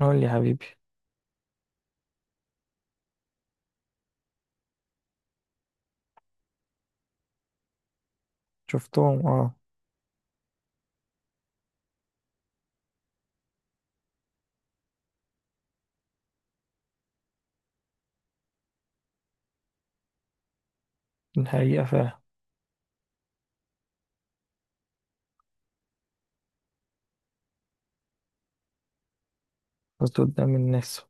قول لي يا حبيبي. شفتهم، اه. الحقيقة فعلا. قصدي قدام الناس.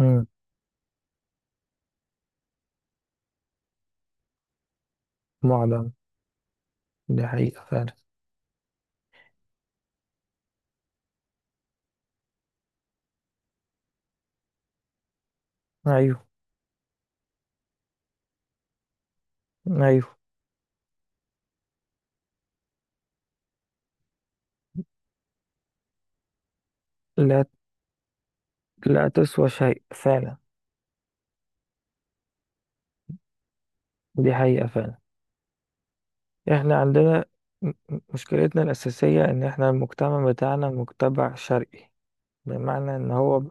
امم. معدن. دي حقيقة فعلا. ايوه. ايوه. لا، لا تسوى شيء فعلا. دي حقيقة فعلا. احنا عندنا مشكلتنا الأساسية ان احنا المجتمع بتاعنا مجتمع شرقي. بمعنى ان هو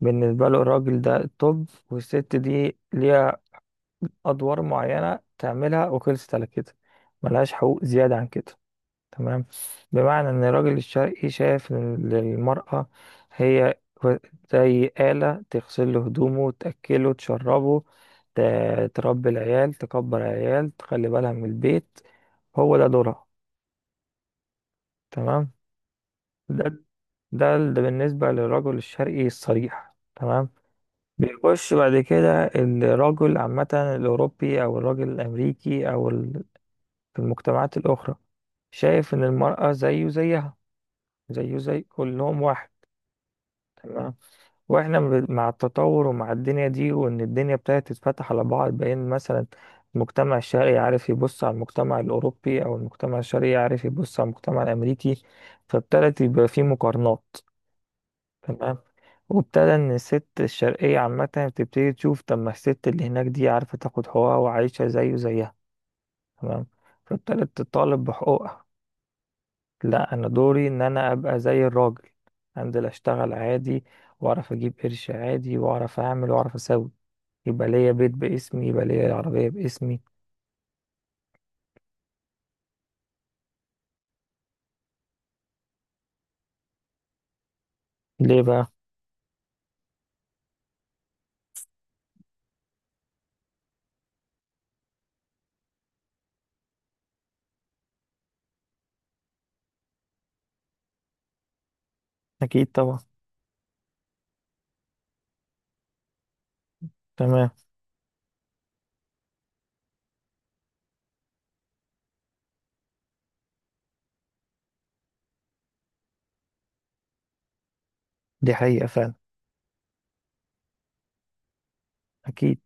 بالنسبة له الراجل ده طب، والست دي ليها أدوار معينة تعملها وخلصت على كده، ملهاش حقوق زيادة عن كده. تمام. بمعنى ان الراجل الشرقي شايف ان المرأة هي زي آلة تغسل له هدومه، تأكله، تشربه، تربي العيال، تكبر العيال، تخلي بالها من البيت. هو ده دورها. تمام. ده ده بالنسبة للرجل الشرقي الصريح. تمام. بيخش بعد كده الرجل عامة الأوروبي أو الرجل الأمريكي في المجتمعات الأخرى، شايف إن المرأة زيه زيها، زيه زي كلهم واحد. تمام. واحنا مع التطور ومع الدنيا دي، وان الدنيا ابتدت تتفتح على بعض، بين مثلا المجتمع الشرقي عارف يبص على المجتمع الاوروبي او المجتمع الشرقي عارف يبص على المجتمع الامريكي، فابتدت يبقى في مقارنات. تمام. وابتدى ان الست الشرقية عامة بتبتدي تشوف طب ما الست اللي هناك دي عارفة تاخد حقوقها وعايشة زيه زيها. تمام. فابتدت تطالب بحقوقها. لا، انا دوري ان انا ابقى زي الراجل. انزل اشتغل عادي، واعرف اجيب قرش عادي، واعرف اعمل واعرف اسوي، يبقى ليا بيت باسمي، يبقى ليا عربية باسمي. ليه بقى؟ اكيد طبعا. تمام. دي حقيقة فعلا. اكيد.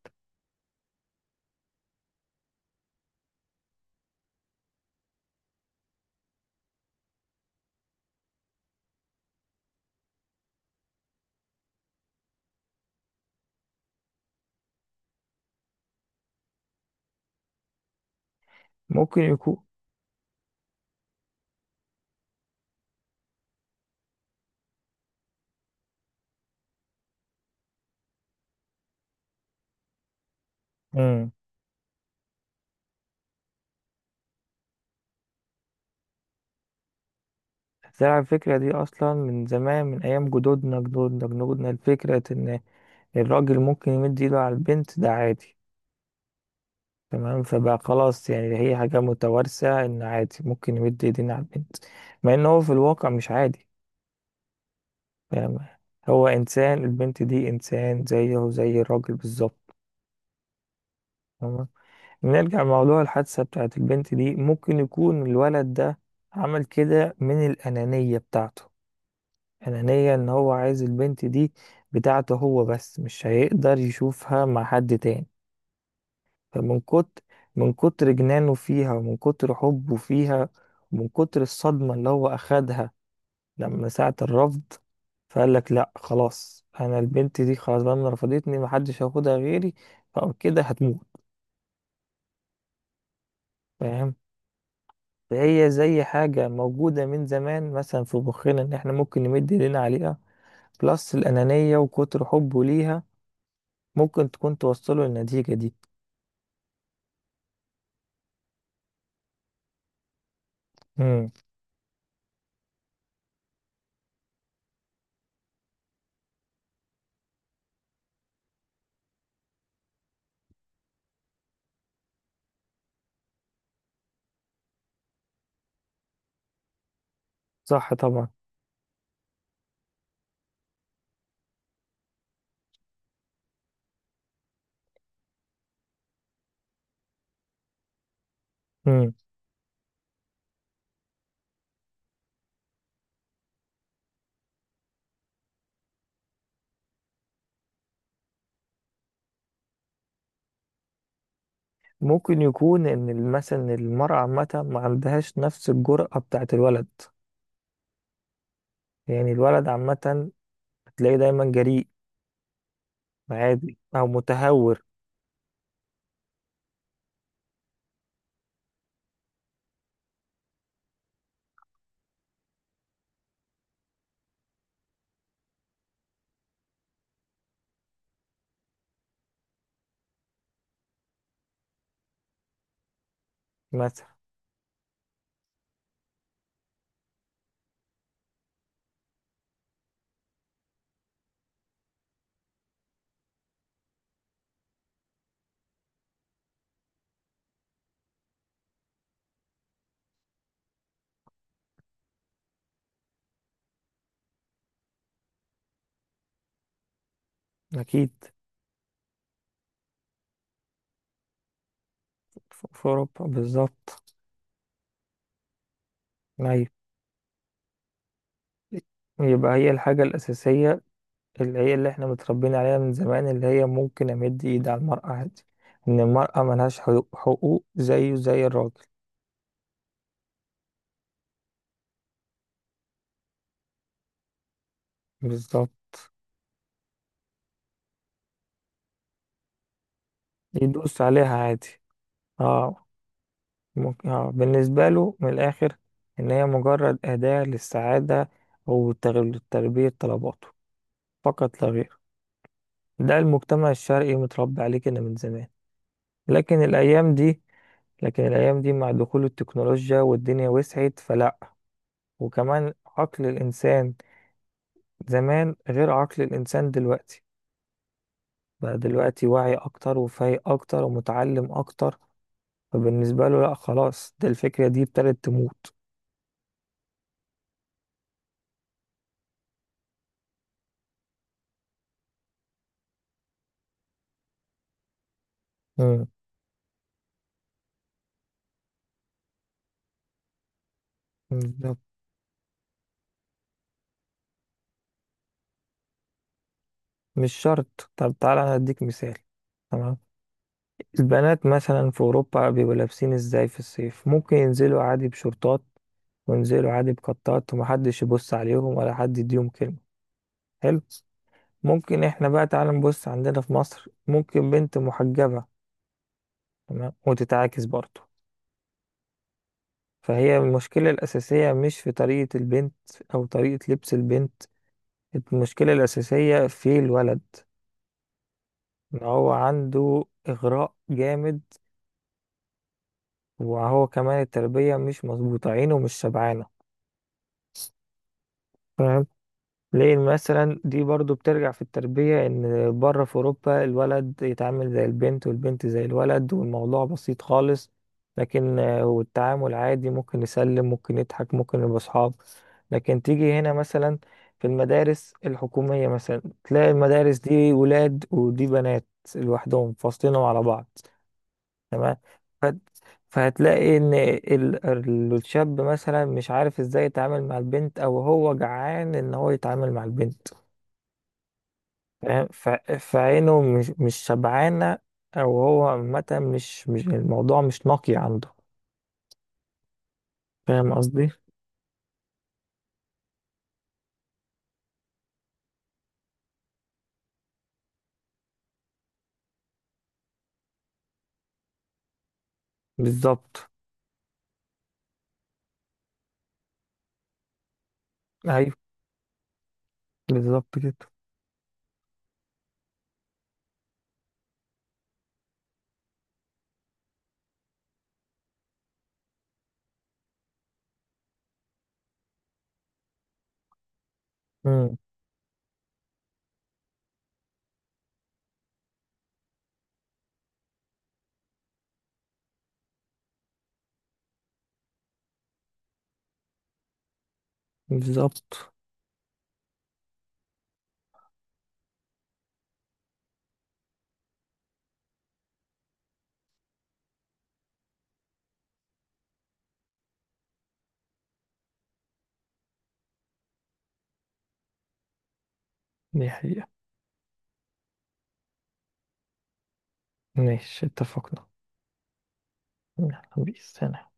ممكن يكون. امم. زرع الفكرة دي اصلا من زمان، من ايام جدودنا جدودنا جدودنا، الفكرة ان الراجل ممكن يمد ايده على البنت ده عادي. تمام. فبقى خلاص يعني هي حاجة متوارثة ان عادي ممكن يمد ايدينا على البنت، مع ان هو في الواقع مش عادي. فاهمة؟ هو إنسان، البنت دي إنسان زيه زي الراجل بالظبط. فاهمة؟ نرجع لموضوع الحادثة بتاعت البنت دي، ممكن يكون الولد ده عمل كده من الأنانية بتاعته. أنانية إن هو عايز البنت دي بتاعته هو بس، مش هيقدر يشوفها مع حد تاني. فمن كتر من كتر جنانه فيها ومن كتر حبه فيها، ومن كتر الصدمة اللي هو أخدها لما ساعة الرفض. فقال لك لا، خلاص انا البنت دي خلاص بقى، من رفضتني محدش هياخدها غيري، فكده هتموت. فاهم؟ فهي زي حاجة موجودة من زمان مثلا في مخنا ان احنا ممكن نمد ايدينا عليها. بلس الأنانية وكتر حبه ليها، ممكن تكون توصله للنتيجة دي. امم. صح طبعا. امم. ممكن يكون ان مثلا المرأة عامة ما عندهاش نفس الجرأة بتاعت الولد. يعني الولد عامة تلاقيه دايما جريء، عادي او متهور. مثلا. أكيد. في أوروبا بالظبط. أيوة. يبقى هي الحاجة الأساسية اللي هي اللي احنا متربيين عليها من زمان، اللي هي ممكن أمد إيد على المرأة عادي، إن المرأة ملهاش حقوق، حقوق زيه زي الراجل. بالظبط. يدوس عليها عادي. اه. ممكن بالنسبة له من الآخر، إن هي مجرد أداة للسعادة وتلبية طلباته، فقط لا غير. ده المجتمع الشرقي متربي عليه كده من زمان. لكن الأيام دي، لكن الأيام دي مع دخول التكنولوجيا والدنيا وسعت، فلأ. وكمان عقل الإنسان زمان غير عقل الإنسان دلوقتي، بقى دلوقتي واعي أكتر وفايق أكتر ومتعلم أكتر. فبالنسبة له، لأ، خلاص ده الفكرة دي ابتدت تموت. مم. بالظبط. مش شرط. طب تعالى أنا أديك مثال. تمام. البنات مثلا في أوروبا بيبقوا لابسين إزاي في الصيف؟ ممكن ينزلوا عادي بشورتات وينزلوا عادي بقطات، ومحدش يبص عليهم ولا حد يديهم كلمة. حلو. ممكن احنا بقى تعالى نبص عندنا في مصر، ممكن بنت محجبة تمام وتتعاكس برضه. فهي المشكلة الأساسية مش في طريقة البنت أو طريقة لبس البنت، المشكلة الأساسية في الولد، إن هو عنده إغراء جامد. وهو كمان التربية مش مظبوطة، عينه مش شبعانة. ليه؟ مثلا دي برضو بترجع في التربية ان بره في اوروبا الولد يتعامل زي البنت والبنت زي الولد والموضوع بسيط خالص. لكن والتعامل عادي، ممكن يسلم، ممكن يضحك، ممكن يبقى صحاب. لكن تيجي هنا مثلا في المدارس الحكومية مثلا، تلاقي المدارس دي ولاد ودي بنات لوحدهم، فاصلينهم على بعض. تمام. فهت- فهتلاقي ان الشاب مثلا مش عارف ازاي يتعامل مع البنت، او هو جعان ان هو يتعامل مع البنت. فاهم؟ فعينه مش شبعانة. أو هو عامة، مش الموضوع مش نقي عنده. فاهم قصدي؟ بالظبط. أيوه بالظبط كده. مم. بالظبط. دي حقيقة. ماشي، اتفقنا. يلا، بيس سلام.